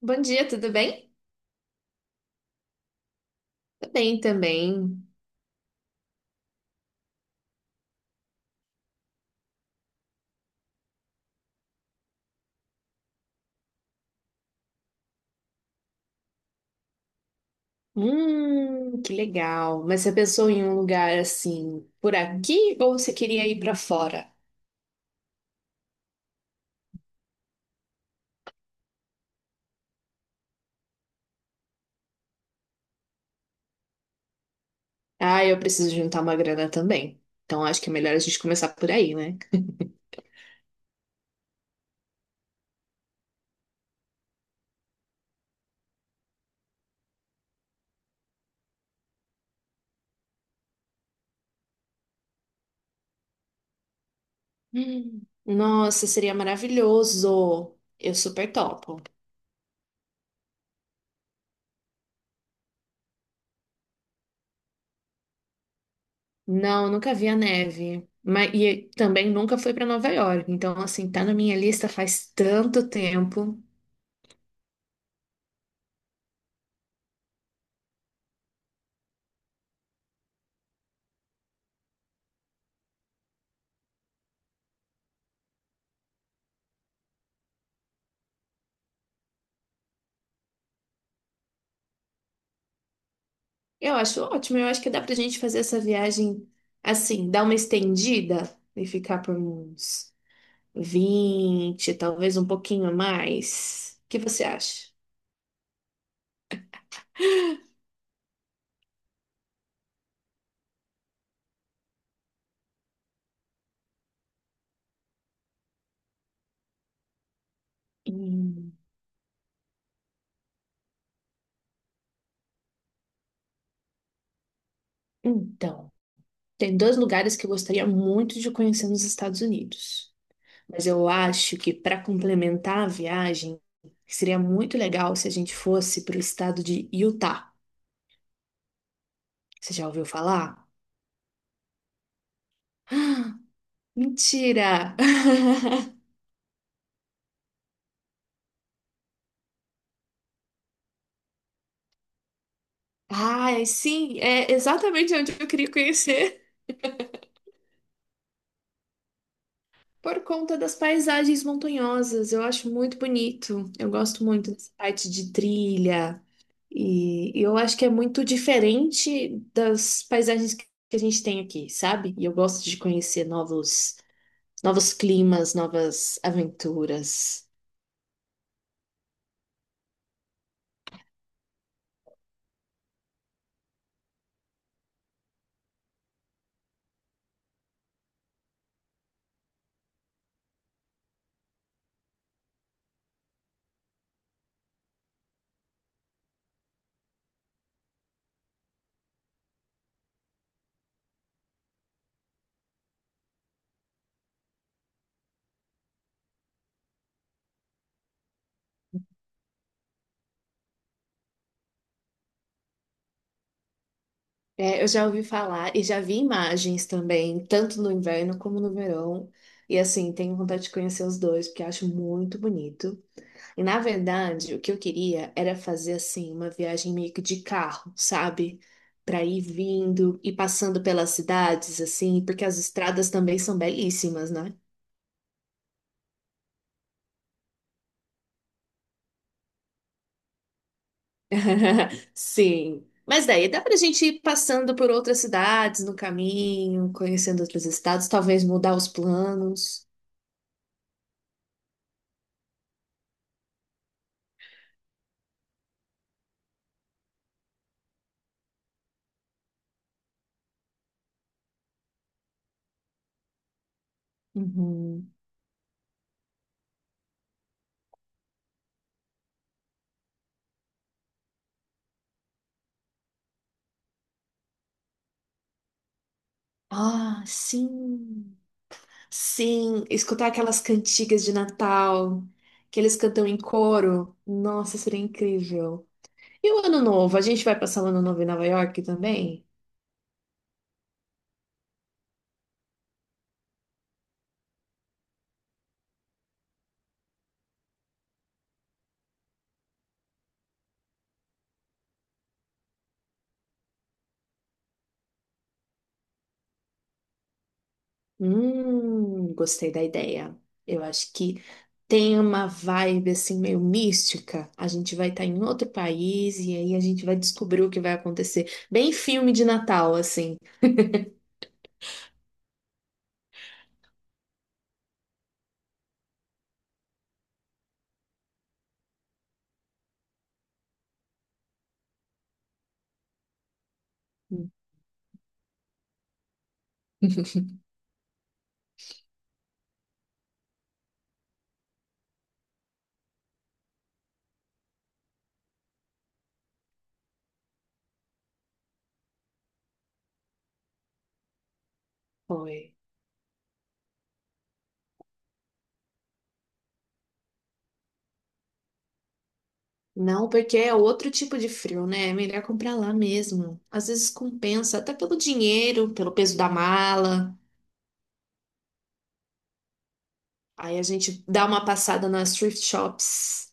Bom dia, tudo bem? Tudo bem também. Que legal. Mas você pensou em um lugar assim por aqui ou você queria ir pra fora? Ah, eu preciso juntar uma grana também. Então acho que é melhor a gente começar por aí, né? Nossa, seria maravilhoso. Eu super topo. Não, nunca vi a neve. Mas, e também nunca fui pra Nova York. Então, assim, tá na minha lista faz tanto tempo. Eu acho ótimo, eu acho que dá pra gente fazer essa viagem assim, dar uma estendida e ficar por uns 20, talvez um pouquinho a mais. O que você acha? Hum, Então, tem dois lugares que eu gostaria muito de conhecer nos Estados Unidos, mas eu acho que para complementar a viagem, seria muito legal se a gente fosse para o estado de Utah. Você já ouviu falar? Ah, mentira! Ai, sim, é exatamente onde eu queria conhecer. Por conta das paisagens montanhosas, eu acho muito bonito. Eu gosto muito dessa parte de trilha. E e eu acho que é muito diferente das paisagens que a gente tem aqui, sabe? E eu gosto de conhecer novos, novos climas, novas aventuras. É, eu já ouvi falar e já vi imagens também, tanto no inverno como no verão. E assim, tenho vontade de conhecer os dois, porque eu acho muito bonito. E na verdade, o que eu queria era fazer assim uma viagem meio que de carro, sabe? Para ir vindo e passando pelas cidades assim, porque as estradas também são belíssimas, né? Sim. Mas daí dá pra gente ir passando por outras cidades no caminho, conhecendo outros estados, talvez mudar os planos. Uhum. Ah, sim. Sim, escutar aquelas cantigas de Natal que eles cantam em coro. Nossa, seria incrível. E o ano novo? A gente vai passar o ano novo em Nova York também? Gostei da ideia. Eu acho que tem uma vibe assim meio mística. A gente vai estar em outro país e aí a gente vai descobrir o que vai acontecer. Bem filme de Natal, assim. Hum. Foi. Não, porque é outro tipo de frio, né? É melhor comprar lá mesmo. Às vezes compensa, até pelo dinheiro, pelo peso da mala. Aí a gente dá uma passada nas thrift shops.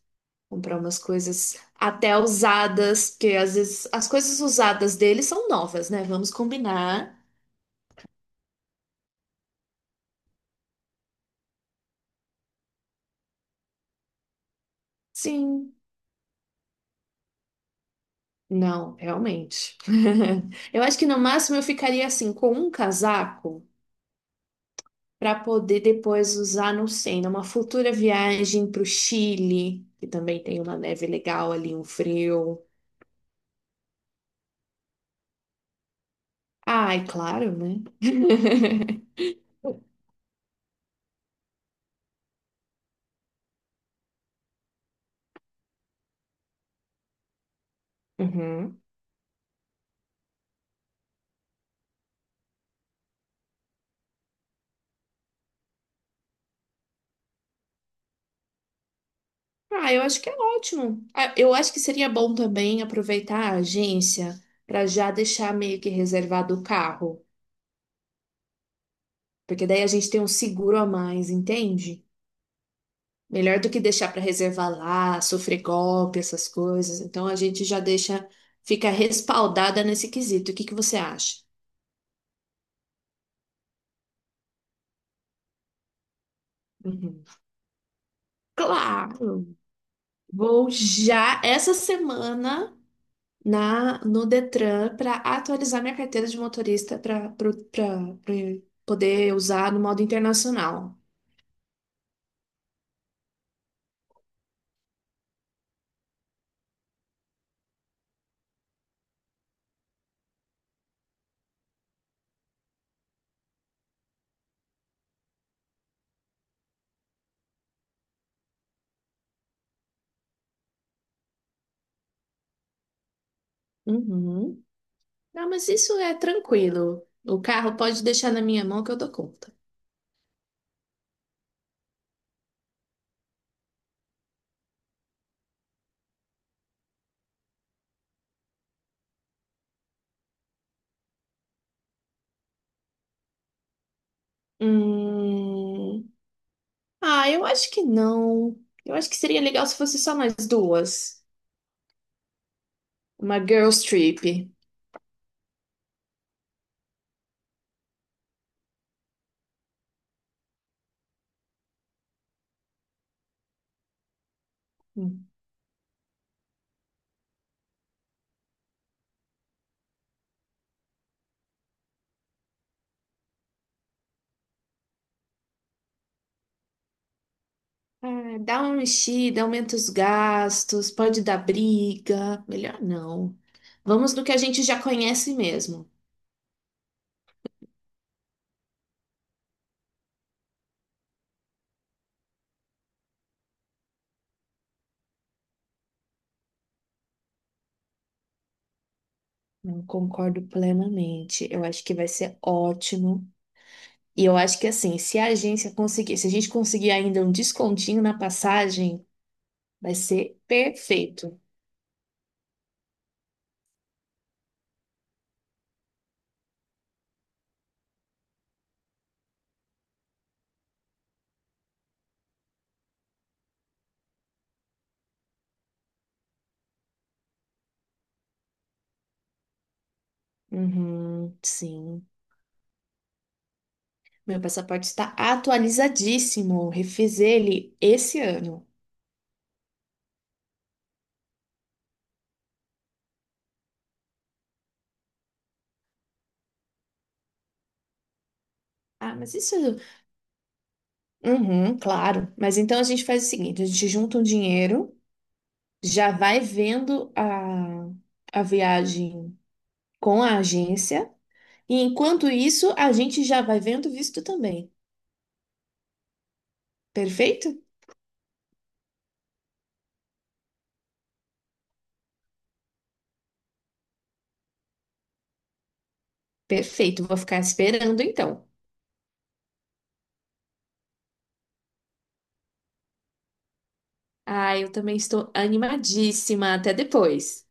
Comprar umas coisas até usadas, porque às vezes as coisas usadas dele são novas, né? Vamos combinar. Sim. Não, realmente. Eu acho que no máximo eu ficaria assim com um casaco para poder depois usar, não sei, numa futura viagem para o Chile, que também tem uma neve legal ali, um frio. Ai, claro, né? Uhum. Ah, eu acho que é ótimo. Ah, eu acho que seria bom também aproveitar a agência para já deixar meio que reservado o carro, porque daí a gente tem um seguro a mais, entende? Melhor do que deixar para reservar lá, sofrer golpe, essas coisas. Então a gente já deixa, fica respaldada nesse quesito. O que que você acha? Uhum. Claro, vou já essa semana na no Detran para atualizar minha carteira de motorista para poder usar no modo internacional. Uhum. Ah, mas isso é tranquilo. O carro pode deixar na minha mão que eu dou conta. Hum... Ah, eu acho que não. Eu acho que seria legal se fosse só mais duas. Uma girls trip. Hum. Ah, dá uma mexida, aumenta os gastos, pode dar briga. Melhor não. Vamos no que a gente já conhece mesmo. Não, concordo plenamente. Eu acho que vai ser ótimo. E eu acho que assim, se a agência conseguir, se a gente conseguir ainda um descontinho na passagem, vai ser perfeito. Uhum, sim. Meu passaporte está atualizadíssimo. Refiz ele esse ano. Ah, mas isso. Uhum, claro. Mas então a gente faz o seguinte: a gente junta um dinheiro, já vai vendo a viagem com a agência. E enquanto isso, a gente já vai vendo visto também. Perfeito? Perfeito, vou ficar esperando então. Ah, eu também estou animadíssima. Até depois.